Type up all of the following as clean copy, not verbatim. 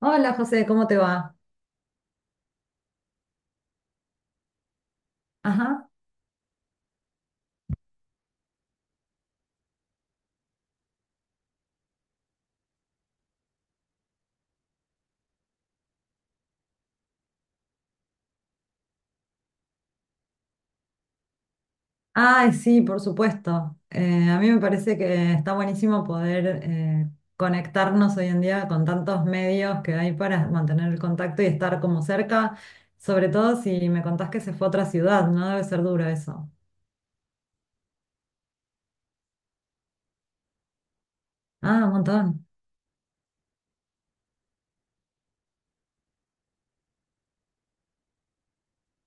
Hola José, ¿cómo te va? Ajá. Ay, sí, por supuesto. A mí me parece que está buenísimo poder conectarnos hoy en día con tantos medios que hay para mantener el contacto y estar como cerca, sobre todo si me contás que se fue a otra ciudad, ¿no? Debe ser duro eso. Ah, un montón.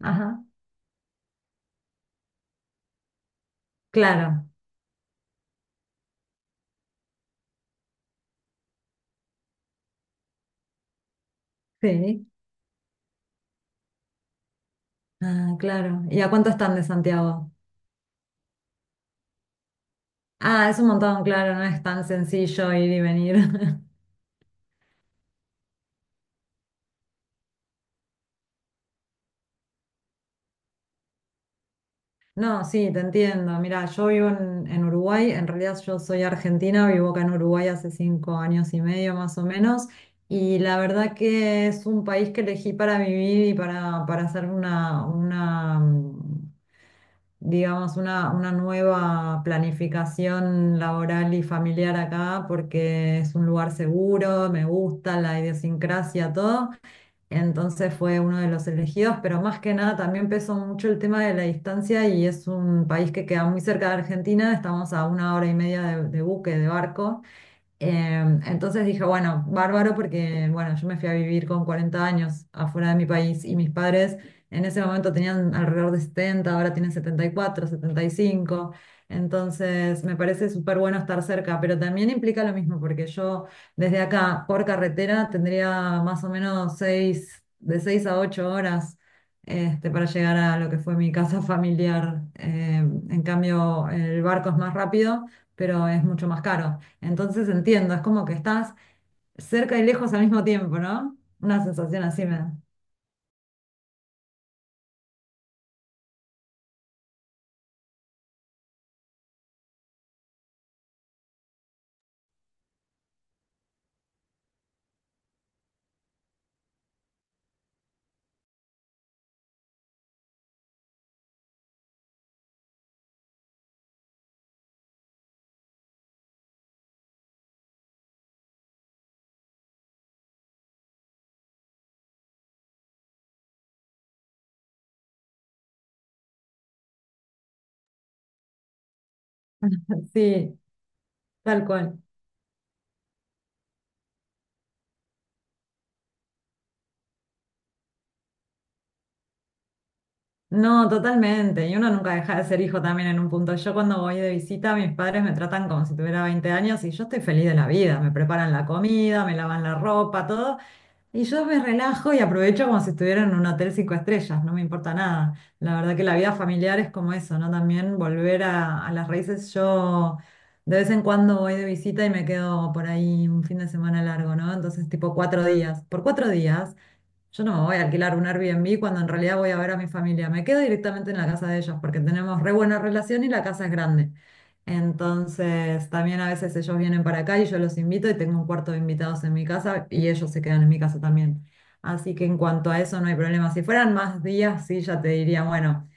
Ajá. Claro. Sí. Ah, claro. ¿Y a cuánto están de Santiago? Ah, es un montón, claro, no es tan sencillo ir y venir. No, sí, te entiendo. Mira, yo vivo en Uruguay, en realidad yo soy argentina, vivo acá en Uruguay hace 5 años y medio más o menos, y la verdad que es un país que elegí para vivir y para hacer una, digamos, una nueva planificación laboral y familiar acá, porque es un lugar seguro, me gusta la idiosincrasia, todo. Entonces fue uno de los elegidos, pero más que nada también pesó mucho el tema de la distancia y es un país que queda muy cerca de Argentina, estamos a una hora y media de buque, de barco. Entonces dije, bueno, bárbaro porque, bueno, yo me fui a vivir con 40 años afuera de mi país y mis padres en ese momento tenían alrededor de 70, ahora tienen 70, 74, 75. Entonces me parece súper bueno estar cerca, pero también implica lo mismo porque yo desde acá por carretera tendría más o menos 6 a 8 horas, este, para llegar a lo que fue mi casa familiar. En cambio, el barco es más rápido, pero es mucho más caro. Entonces entiendo, es como que estás cerca y lejos al mismo tiempo, ¿no? Una sensación así me da. Sí, tal cual. No, totalmente. Y uno nunca deja de ser hijo también en un punto. Yo cuando voy de visita, mis padres me tratan como si tuviera 20 años y yo estoy feliz de la vida. Me preparan la comida, me lavan la ropa, todo. Y yo me relajo y aprovecho como si estuviera en un hotel cinco estrellas, no me importa nada. La verdad que la vida familiar es como eso, ¿no? También volver a las raíces. Yo de vez en cuando voy de visita y me quedo por ahí un fin de semana largo, ¿no? Entonces, tipo 4 días. Por 4 días yo no me voy a alquilar un Airbnb cuando en realidad voy a ver a mi familia. Me quedo directamente en la casa de ellos porque tenemos re buena relación y la casa es grande. Entonces, también a veces ellos vienen para acá y yo los invito y tengo un cuarto de invitados en mi casa y ellos se quedan en mi casa también. Así que en cuanto a eso no hay problema. Si fueran más días, sí, ya te diría, bueno,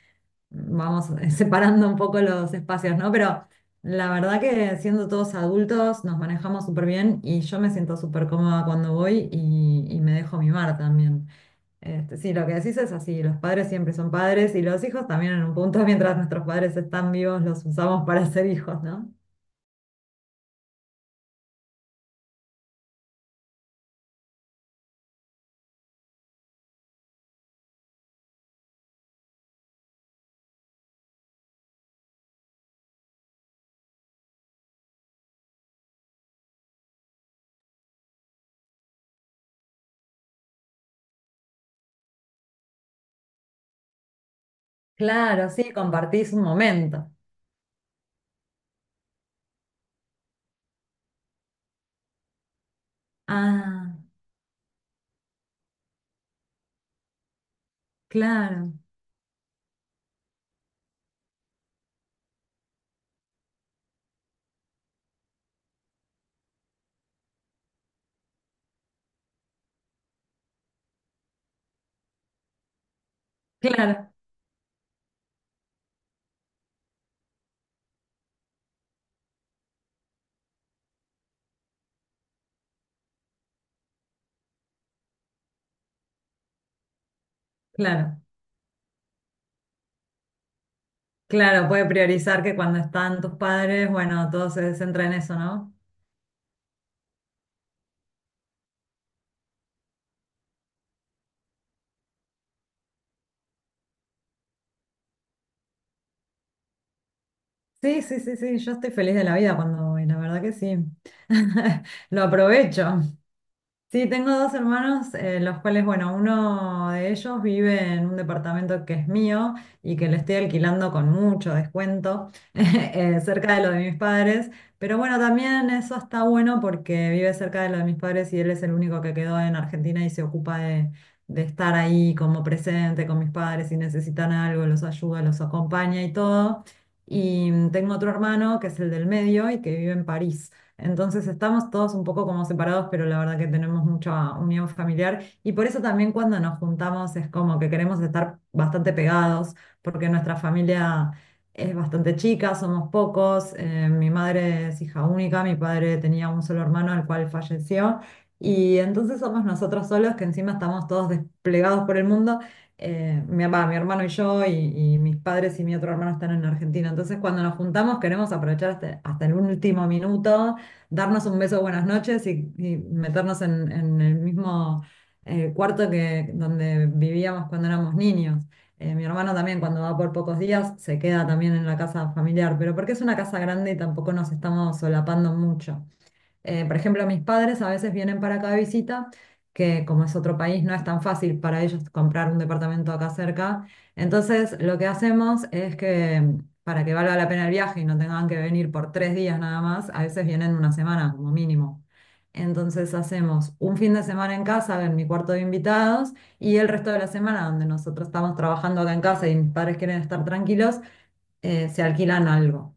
vamos separando un poco los espacios, ¿no? Pero la verdad que siendo todos adultos nos manejamos súper bien y yo me siento súper cómoda cuando voy y me dejo mimar también. Este, sí, lo que decís es así, los padres siempre son padres y los hijos también en un punto, mientras nuestros padres están vivos, los usamos para ser hijos, ¿no? Claro, sí, compartís un momento. Ah, claro, claro, claro, claro, puede priorizar que cuando están tus padres, bueno, todo se centra en eso, ¿no? Sí, sí, sí, sí, yo estoy feliz de la vida cuando voy, la verdad que sí. Lo aprovecho. Sí, tengo dos hermanos, los cuales, bueno, uno de ellos vive en un departamento que es mío y que le estoy alquilando con mucho descuento, cerca de lo de mis padres. Pero bueno, también eso está bueno porque vive cerca de lo de mis padres y él es el único que quedó en Argentina y se ocupa de estar ahí como presente con mis padres. Si necesitan algo, los ayuda, los acompaña y todo. Y tengo otro hermano que es el del medio y que vive en París. Entonces estamos todos un poco como separados, pero la verdad que tenemos mucha unión familiar y por eso también cuando nos juntamos es como que queremos estar bastante pegados, porque nuestra familia es bastante chica, somos pocos, mi madre es hija única, mi padre tenía un solo hermano al cual falleció y entonces somos nosotros solos que encima estamos todos desplegados por el mundo. Mi hermano y yo y mis padres y mi otro hermano están en Argentina. Entonces, cuando nos juntamos, queremos aprovechar hasta el último minuto, darnos un beso buenas noches y meternos en el mismo cuarto que donde vivíamos cuando éramos niños. Mi hermano también cuando va por pocos días se queda también en la casa familiar, pero porque es una casa grande y tampoco nos estamos solapando mucho. Por ejemplo, mis padres a veces vienen para acá de visita, que como es otro país, no es tan fácil para ellos comprar un departamento acá cerca. Entonces, lo que hacemos es que para que valga la pena el viaje y no tengan que venir por 3 días nada más, a veces vienen una semana como mínimo. Entonces hacemos un fin de semana en casa, en mi cuarto de invitados, y el resto de la semana, donde nosotros estamos trabajando acá en casa y mis padres quieren estar tranquilos, se alquilan algo.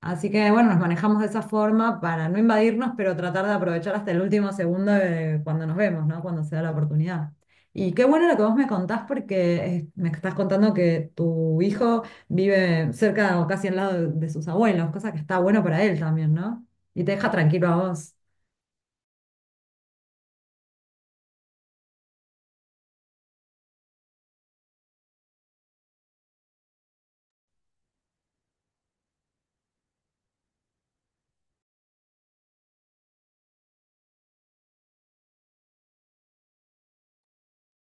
Así que bueno, nos manejamos de esa forma para no invadirnos, pero tratar de aprovechar hasta el último segundo de cuando nos vemos, ¿no? Cuando se da la oportunidad. Y qué bueno lo que vos me contás porque me estás contando que tu hijo vive cerca o casi al lado de sus abuelos, cosa que está bueno para él también, ¿no? Y te deja tranquilo a vos.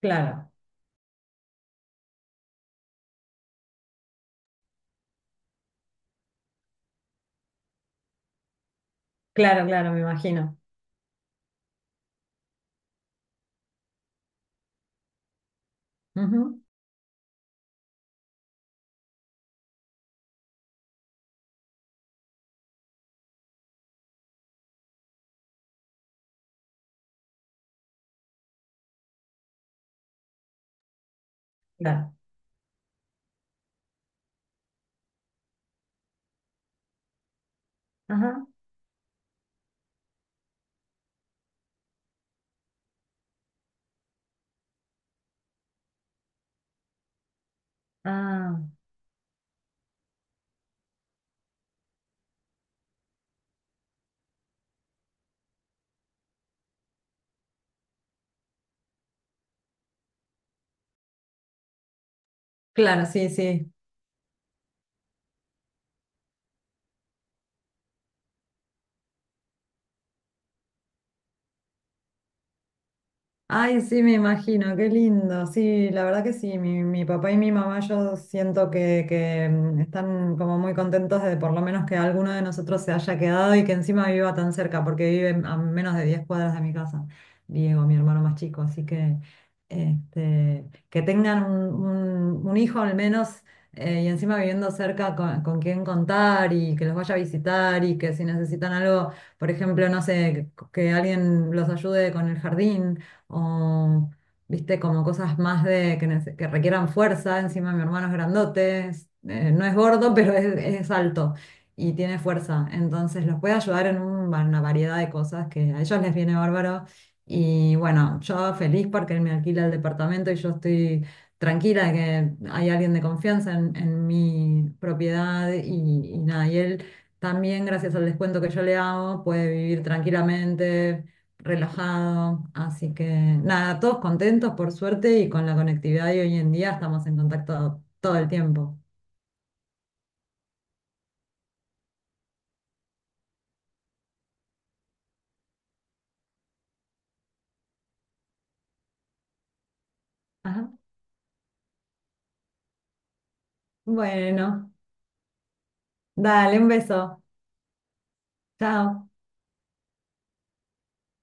Claro, claro, claro, me imagino. Ujú, claro. Claro. Ajá. Ah, claro, sí, sí. Ay, sí, me imagino, qué lindo. Sí, la verdad que sí, mi papá y mi mamá yo siento que están como muy contentos de por lo menos que alguno de nosotros se haya quedado y que encima viva tan cerca, porque vive a menos de 10 cuadras de mi casa, Diego, mi hermano más chico. Así que este, que tengan un hijo al menos y encima viviendo cerca con quien contar y que los vaya a visitar y que si necesitan algo, por ejemplo, no sé, que alguien los ayude con el jardín o viste, como cosas más de que requieran fuerza. Encima mi hermano es grandote, no es gordo, pero es alto y tiene fuerza. Entonces los puede ayudar en una variedad de cosas que a ellos les viene bárbaro. Y bueno, yo feliz porque él me alquila el departamento y yo estoy tranquila de que hay alguien de confianza en mi propiedad y nada, y él también gracias al descuento que yo le hago puede vivir tranquilamente, relajado, así que nada, todos contentos por suerte y con la conectividad de hoy en día estamos en contacto todo el tiempo. Ajá. Bueno, dale, un beso. Chao.